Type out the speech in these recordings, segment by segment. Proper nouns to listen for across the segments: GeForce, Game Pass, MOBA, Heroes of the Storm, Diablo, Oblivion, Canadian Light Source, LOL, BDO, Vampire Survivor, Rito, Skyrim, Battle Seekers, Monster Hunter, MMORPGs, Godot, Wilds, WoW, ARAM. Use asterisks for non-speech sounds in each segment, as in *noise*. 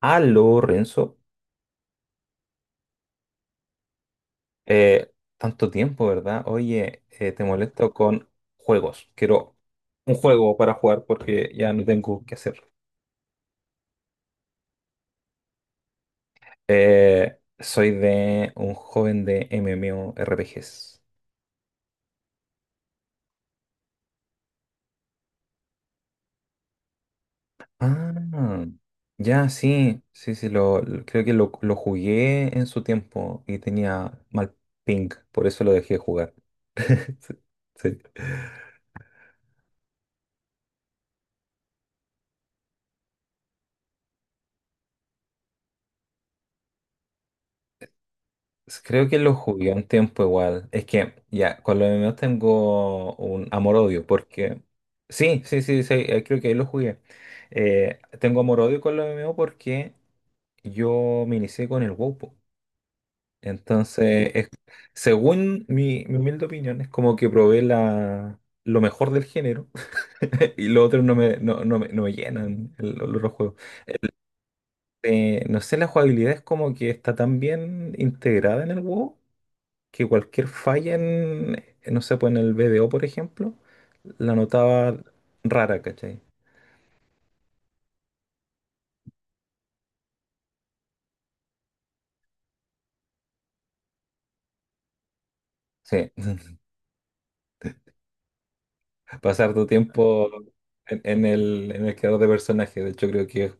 Aló, Renzo. Eh, Tanto tiempo, ¿verdad? Oye, te molesto con juegos. Quiero un juego para jugar porque ya no tengo qué hacer. Soy de un joven de MMORPGs. Ah, ya, sí, sí, sí, creo que lo jugué en su tiempo y tenía mal ping, por eso lo dejé jugar. *laughs* Sí. Creo que lo jugué un tiempo igual. Es que ya, con los MMOs tengo un amor-odio, porque... Sí, sí, sí, sí, creo que ahí lo jugué. Tengo amor-odio con los MMOs porque yo me inicié con el WoW, po. Entonces, según mi humilde opinión, es como que probé lo mejor del género. *laughs* Y los otros no me llenan los otros juegos. No sé, la jugabilidad es como que está tan bien integrada en el WoW que cualquier falla en, no sé, pues en el BDO, por ejemplo, la notaba rara, ¿cachai? Sí, *laughs* pasar tu tiempo en el creador de personajes. De hecho, creo que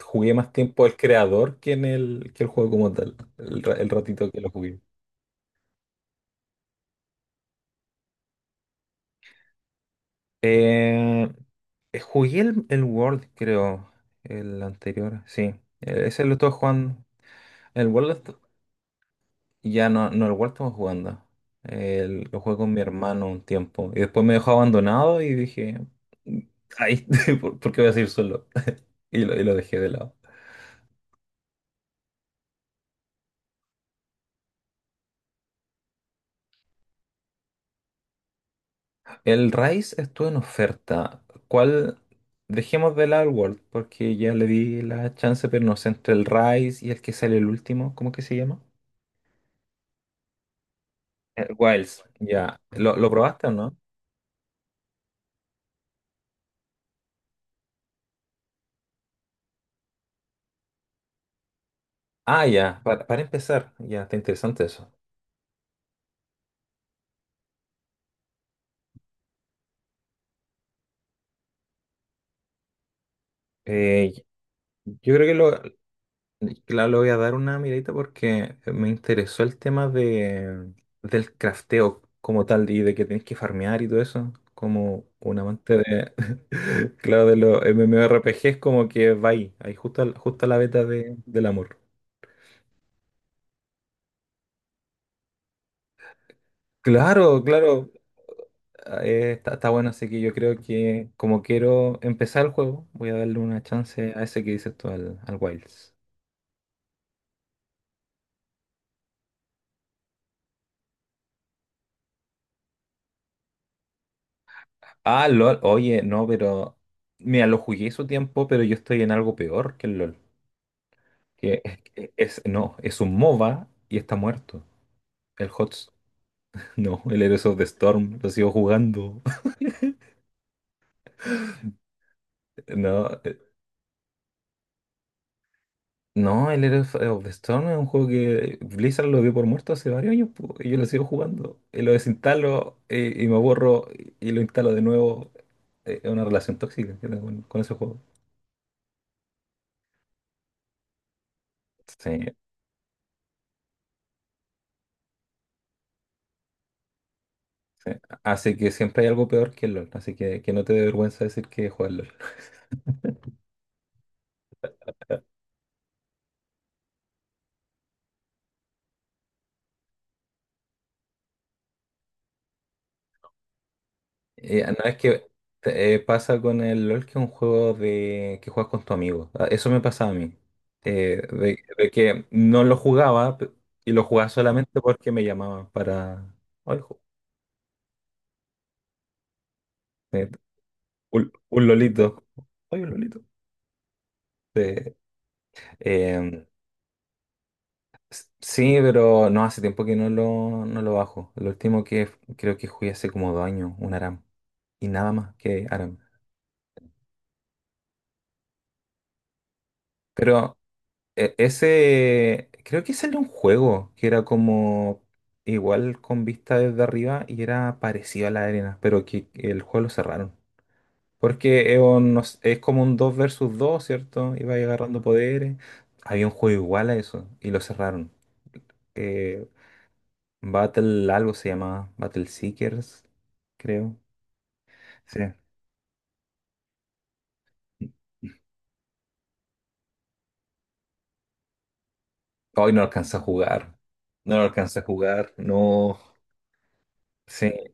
jugué más tiempo al creador que en el, que el juego como tal, el ratito que lo jugué. Eh, Jugué el World, creo, el anterior, sí. Ese lo estuve jugando. El World. Y ya no lo he vuelto jugando. Lo jugué con mi hermano un tiempo. Y después me dejó abandonado y dije, "Mm, ay, *laughs* ¿por qué voy a seguir solo? *laughs* Y lo dejé de lado. El Rise estuvo en oferta. ¿Cuál? Dejemos de lado el World, porque ya le di la chance, pero no sé, entre el Rise y el que sale el último, ¿cómo que se llama? Wilds, ya. ¿Lo probaste o no? Ah, ya, para empezar, ya, está interesante eso. Eh, yo creo que lo. Claro, le voy a dar una miradita porque me interesó el tema del crafteo como tal y de que tienes que farmear y todo eso. Como un amante de, *laughs* claro, de los MMORPGs, como que va ahí justo, justo a la beta del amor. Claro, claro, está bueno, así que yo creo que como quiero empezar el juego, voy a darle una chance a ese que dices tú, al Wilds. Ah, LOL, oye, no, pero. Mira, lo jugué su tiempo, pero yo estoy en algo peor que el LOL. Que no, es un MOBA y está muerto. El HOTS. *laughs* No, el Heroes of the Storm, lo sigo jugando. *laughs* No, no, el Heroes of the Storm es un juego que Blizzard lo dio por muerto hace varios años, po, y yo lo sigo jugando. Y lo desinstalo y me borro y lo instalo de nuevo. Es una relación tóxica que tengo con ese juego. Sí. Así que siempre hay algo peor que el LOL, así que no te dé vergüenza decir que juegas LOL. No es que pasa con el LOL que es un juego de que juegas con tu amigo. Ah, eso me pasa a mí. De que no lo jugaba y lo jugaba solamente porque me llamaban para... "Oye, eh, un lolito. Oye, un lolito. Eh, em, sí, pero no, hace tiempo que no lo bajo. Lo último que creo que jugué hace como 2 años, un ARAM. Y nada más que ARAM. Pero ese, creo que ese era un juego que era como igual con vista desde arriba y era parecido a la arena, pero que el juego lo cerraron. Porque no sé, es como un 2 versus dos, ¿cierto? Iba agarrando poderes. Había un juego igual a eso y lo cerraron. Eh, Battle algo se llamaba, Battle Seekers, creo. Sí. Hoy no alcanza a jugar. No lo alcanza a jugar, no. Sí.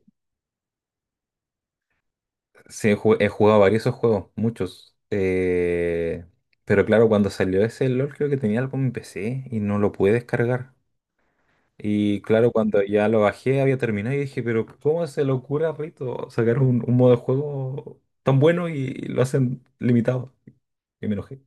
Sí, he jugado varios de esos juegos, muchos. Pero claro, cuando salió ese LOL creo que tenía algo en mi PC y no lo pude descargar. Y claro, cuando ya lo bajé había terminado y dije, pero ¿cómo se le ocurre a Rito sacar un modo de juego tan bueno y lo hacen limitado? Y me enojé.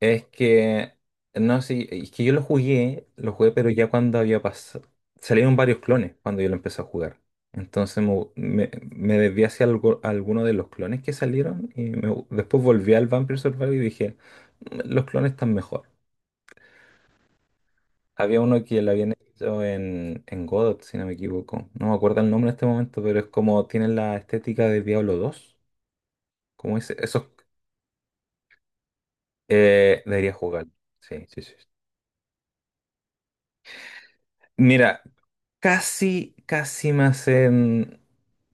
Es que, no sé, es que yo lo jugué, pero ya cuando había pasado, salieron varios clones cuando yo lo empecé a jugar. Entonces me desvié hacia alguno de los clones que salieron y después volví al Vampire Survivor y dije, los clones están mejor. Había uno que lo habían hecho en Godot, si no me equivoco. No me acuerdo el nombre en este momento, pero es como tienen la estética de Diablo II. Como ese, esos, debería jugar. Sí, sí, sí. Mira, casi, casi me hacen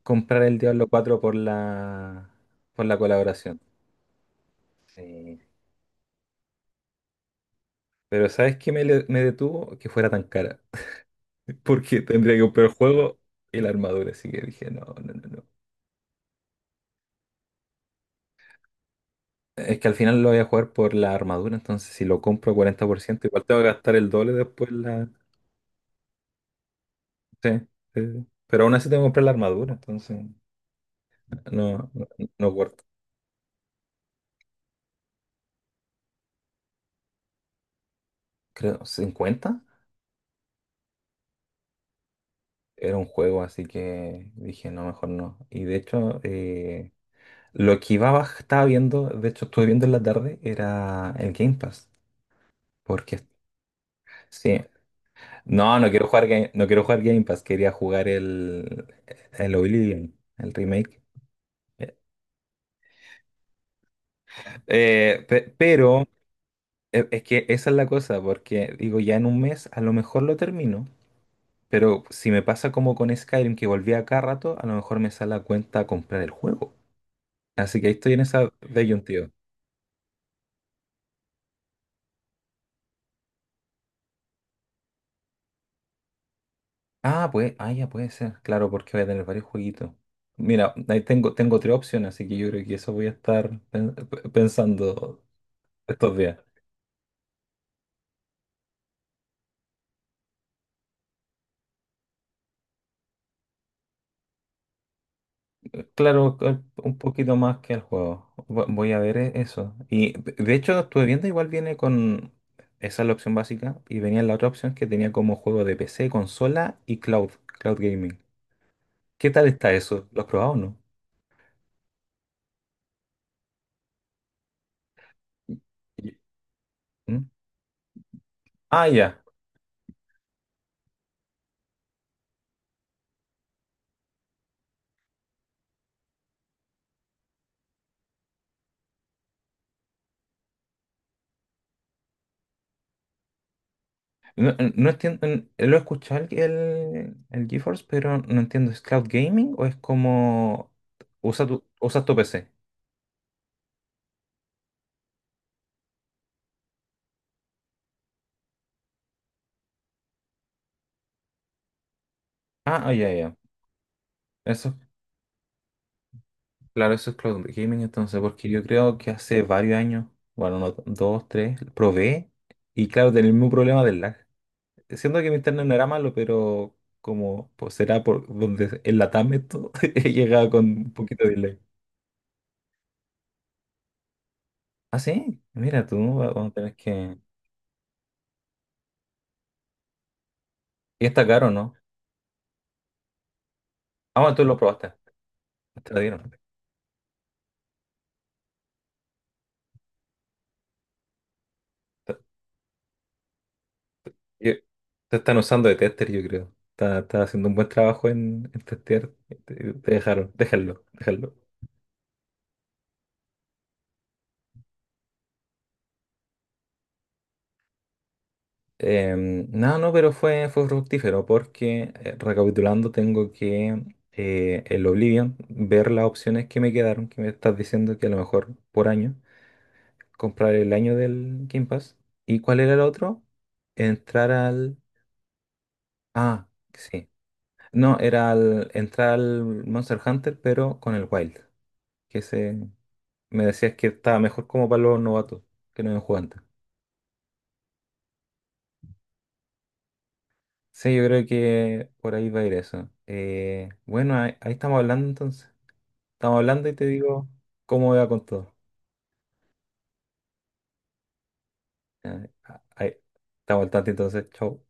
comprar el Diablo IV por la, colaboración. Sí. Pero ¿sabes qué me detuvo? Que fuera tan cara. *laughs* Porque tendría que comprar el juego y la armadura. Así que dije, no, no, no, no. Es que al final lo voy a jugar por la armadura. Entonces, si lo compro 40% igual tengo que gastar el doble después. La... Sí, sí, sí. Pero aún así tengo que comprar la armadura. Entonces, no, no, no guardo. Creo, 50. Era un juego, así que dije, no, mejor no. Y de hecho, lo que iba, estaba viendo, de hecho estuve viendo en la tarde, era el Game Pass. Porque, sí, no, no quiero jugar Game Pass, quería jugar el Oblivion, el remake. Eh, pero es que esa es la cosa, porque digo, ya en un mes a lo mejor lo termino, pero si me pasa como con Skyrim, que volví a cada rato, a lo mejor me sale a cuenta comprar el juego. Así que ahí estoy en esa disyuntiva. Ah, pues, ya puede ser, claro, porque voy a tener varios jueguitos. Mira, ahí tengo tres opciones, así que yo creo que eso voy a estar pensando estos días. Claro, un poquito más que el juego. Voy a ver eso. Y de hecho, estuve viendo, igual viene con. Esa es la opción básica. Y venía la otra opción que tenía como juego de PC, consola y cloud gaming. ¿Qué tal está eso? ¿Lo has probado o no? Y- ¿Mm? Ah, ya. No, no entiendo, lo he escuchado el GeForce, pero no entiendo, ¿es cloud gaming o es como usas tu PC? Ah, ah, ya, ya. Eso, claro, eso es cloud gaming entonces, porque yo creo que hace varios años, bueno, no, dos, tres, probé y claro, tenía el mismo problema del lag. Siendo que mi internet no era malo, pero como pues será por donde en la TAM esto, *laughs* he llegado con un poquito de delay. Ah, sí, mira, tú vamos a tener que... Y está caro, ¿no? Ah, bueno, tú lo probaste, te la dieron. Yo- te están usando de tester, yo creo. Está haciendo un buen trabajo en testear. Te dejaron, déjalo, déjalo. No, no, pero fue fructífero porque, recapitulando, tengo que el Oblivion, ver las opciones que me quedaron, que me estás diciendo que a lo mejor por año, comprar el año del Game Pass. ¿Y cuál era el otro? Entrar al... Ah, sí. No, era al, entrar al Monster Hunter, pero con el Wild. Que ese... Me decías que estaba mejor como para los novatos que no habían jugado antes. Sí, yo creo que por ahí va a ir eso. Bueno, ahí estamos hablando entonces. Estamos hablando y te digo cómo va con todo. Ya, ahí, estamos al tanto entonces. Chau.